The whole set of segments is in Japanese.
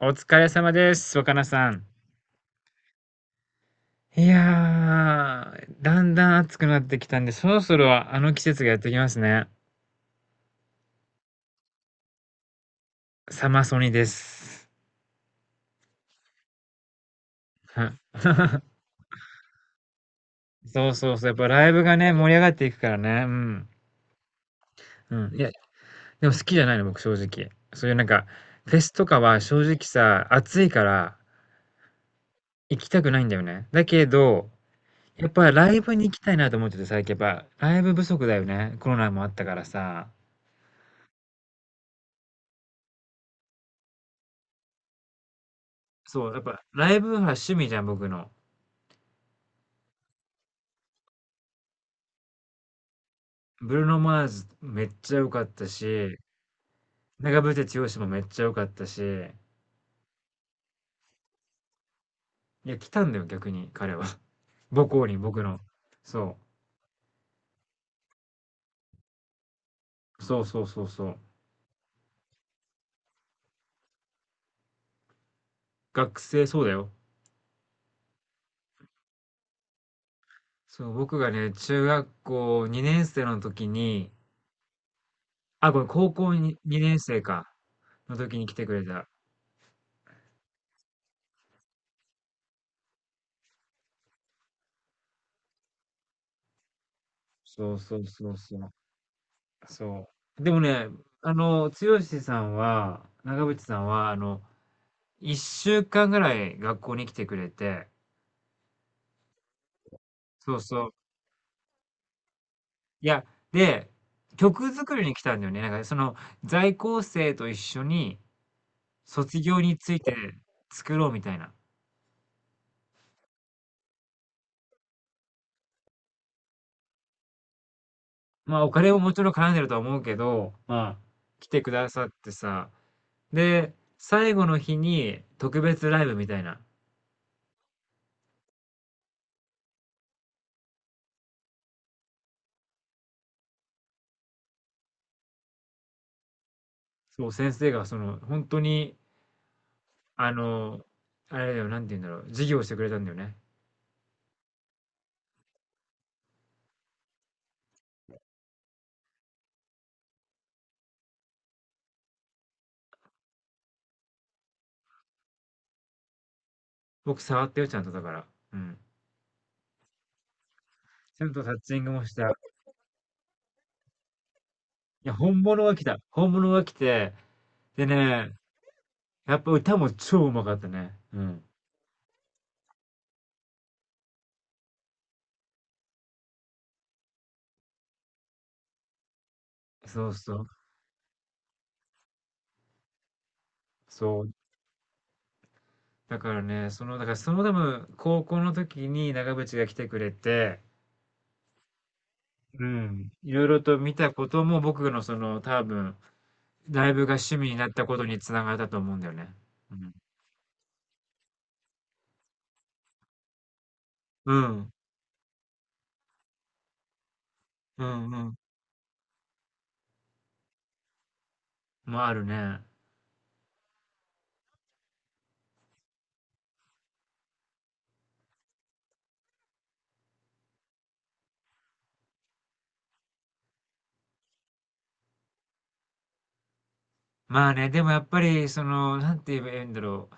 お疲れ様です、若菜さん。いやー、だんだん暑くなってきたんで、そろそろあの季節がやってきますね。サマソニです。は そうそうそう、やっぱライブがね、盛り上がっていくからね。うん。うん。いや、でも好きじゃないの、僕、正直。そういうなんか、フェスとかは正直さ、暑いから行きたくないんだよね。だけど、やっぱライブに行きたいなと思ってて、最近やっぱライブ不足だよね。コロナもあったからさ。そう、やっぱライブは趣味じゃん、僕の。ブルーノ・マーズめっちゃ良かったし、長渕剛もめっちゃ良かったし、いや、来たんだよ、逆に彼は。母校に僕の。そう。そうそうそうそう。学生、そうだよ。そう、僕がね、中学校2年生の時に、あ、ごめん、高校に2年生か、の時に来てくれた。そうそうそうそう。そう。でもね、剛さんは、長渕さんは、1週間ぐらい学校に来てくれて、そうそう。いや、で、曲作りに来たんだよね。なんかその、在校生と一緒に卒業について作ろうみたいな。まあお金ももちろん絡んでるとは思うけど、まあ来てくださってさ。で、最後の日に特別ライブみたいな。そう、先生がその、本当に、あの、あれだよ、なんて言うんだろう、授業してくれたんだよね。僕触ったよ、ちゃんとだから。うん。ちゃんとタッチングもした。いや、本物が来た。本物が来て、でね、やっぱ歌も超うまかったね。うん。そうそう。そう。だからね、その、だからその多分、高校の時に長渕が来てくれて、うん。いろいろと見たことも僕のその多分、ライブが趣味になったことにつながったと思うんだよね。うん。うん。うんうん。もあるね。まあね、でもやっぱり、その、なんて言えばいいんだろう。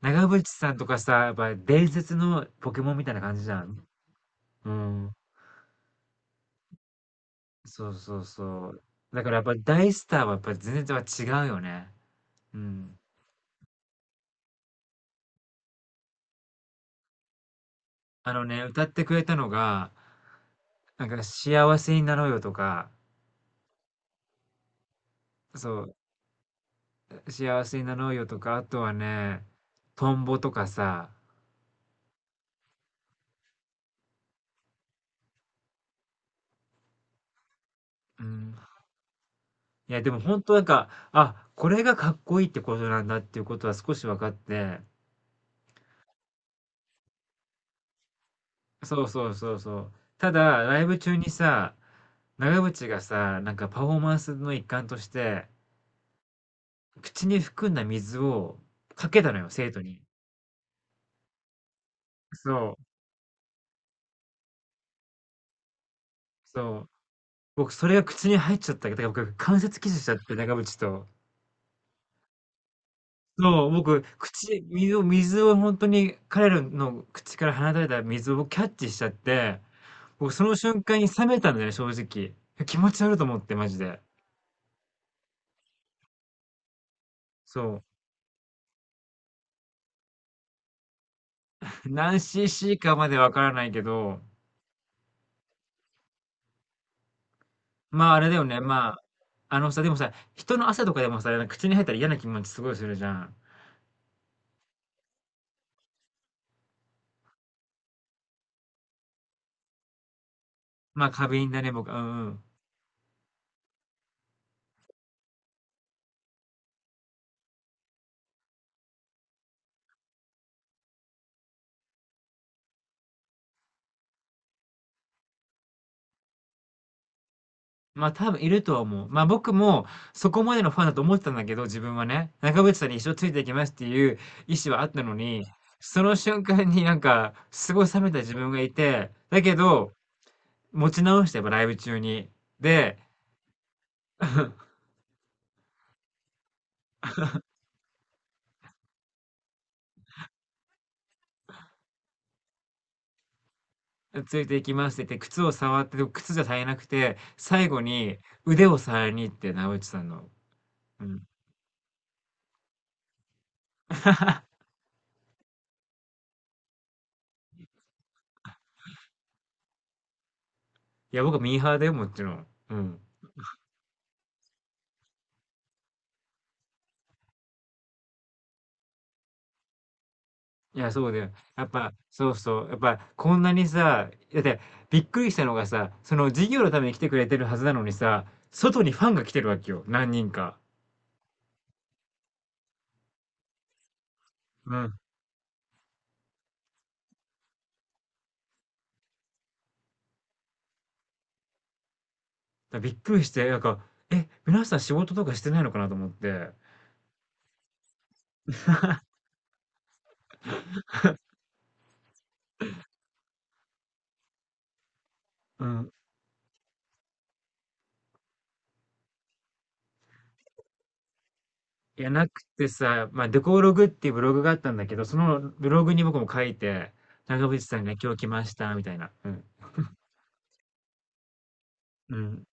長渕さんとかさ、やっぱ伝説のポケモンみたいな感じじゃん。うん。そうそうそう。だからやっぱ大スターはやっぱ全然違うよね。うん。あのね、歌ってくれたのが、なんか幸せになろうよとか、そう、幸せになろうよとか、あとはね、トンボとかさ、うん。いや、でも本当なんか、あ、これがかっこいいってことなんだっていうことは少し分かって、そうそうそうそう。ただ、ライブ中にさ、長渕がさ、なんかパフォーマンスの一環として、口に含んだ水をかけたのよ、生徒に。そう、そう。僕それが口に入っちゃったけどだから僕関節キスしちゃって、長渕と。そう、僕、水を本当に彼らの口から放たれた水を僕キャッチしちゃって、僕その瞬間に冷めたんだよね、正直。気持ち悪いと思って、マジで。そう。何 cc かまでわからないけど、まああれだよね、まあ、あのさ、でもさ、人の汗とかでもさ、口に入ったら嫌な気持ちすごいするじゃん。まあ過敏だね、僕。うんうん。まあ多分いるとは思う。まあ僕もそこまでのファンだと思ってたんだけど、自分はね、中渕さんに一生ついていきますっていう意思はあったのに、その瞬間になんか、すごい冷めた自分がいて、だけど、持ち直してやっぱライブ中に。で、ついていきますって言って、靴を触って、でも靴じゃ足りなくて、最後に腕を触りに行って、中渕さんの。うん。いや、僕はミーハーだよ、もちろん。うん。いや、そうだよ。やっぱ、そうそう。やっぱ、こんなにさ、だって、びっくりしたのがさ、その授業のために来てくれてるはずなのにさ、外にファンが来てるわけよ。何人か。うん。だからびっくりして、なんか、え、皆さん仕事とかしてないのかなと思って。うん。いや、なくてさ、まあ、デコログっていうブログがあったんだけど、そのブログに僕も書いて、長渕さんが今日来ました、みたいな。うん。うん。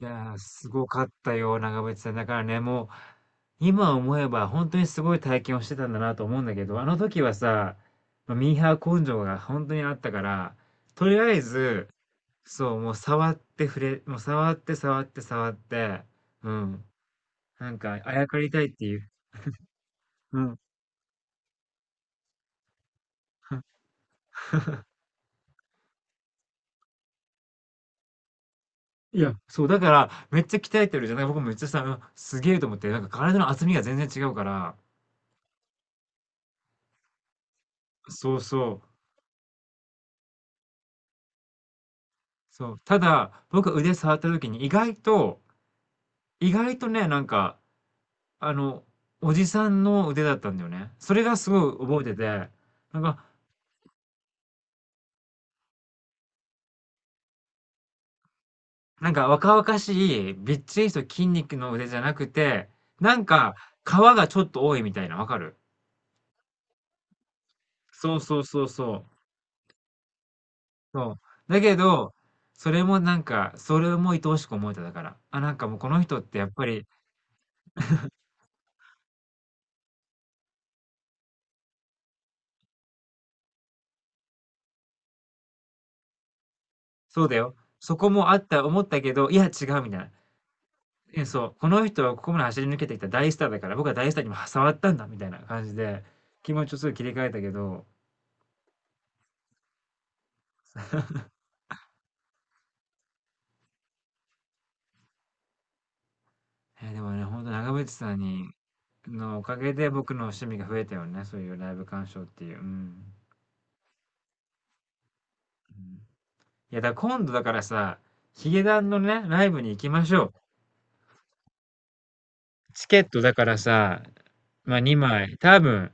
いやー、すごかったよ、長渕さん。だからね、もう、今思えば本当にすごい体験をしてたんだなと思うんだけど、あの時はさ、まあミーハー根性が本当にあったから、とりあえず、そう、もう触って、触って、触って、うん。なんか、あやかりたいっていう。うん。いや、そう、だから、めっちゃ鍛えてるじゃない僕めっちゃさ、うんすげえと思って、なんか体の厚みが全然違うから、そうそう。そう。ただ、僕腕触った時に意外と、意外とね、なんか、あの、おじさんの腕だったんだよね。それがすごい覚えてて、なんか、なんか若々しい、びっちりした筋肉の腕じゃなくて、なんか、皮がちょっと多いみたいな、わかるそうそうそうそう。そう。だけど、それもなんか、それも愛おしく思えただから。あ、なんかもうこの人ってやっぱり、そうだよ。そこもあった、思ったけど、いや違うみたいな。え、そう、この人はここまで走り抜けてきた大スターだから、僕は大スターにも触ったんだみたいな感じで、気持ちをすぐ切り替えたけど、えーでもね、本当長渕さんに、のおかげで僕の趣味が増えたよね、そういうライブ鑑賞っていう。うん。うんいや、だから今度だからさ、ヒゲダンのね、ライブに行きましょう。チケットだからさ、まあ2枚、多分、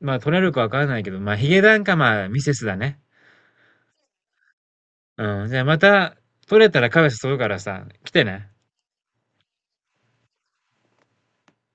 まあ取れるかわかんないけど、まあヒゲダンかまあミセスだね。うん、じゃあまた取れたらカフェ誘うからさ、来てね。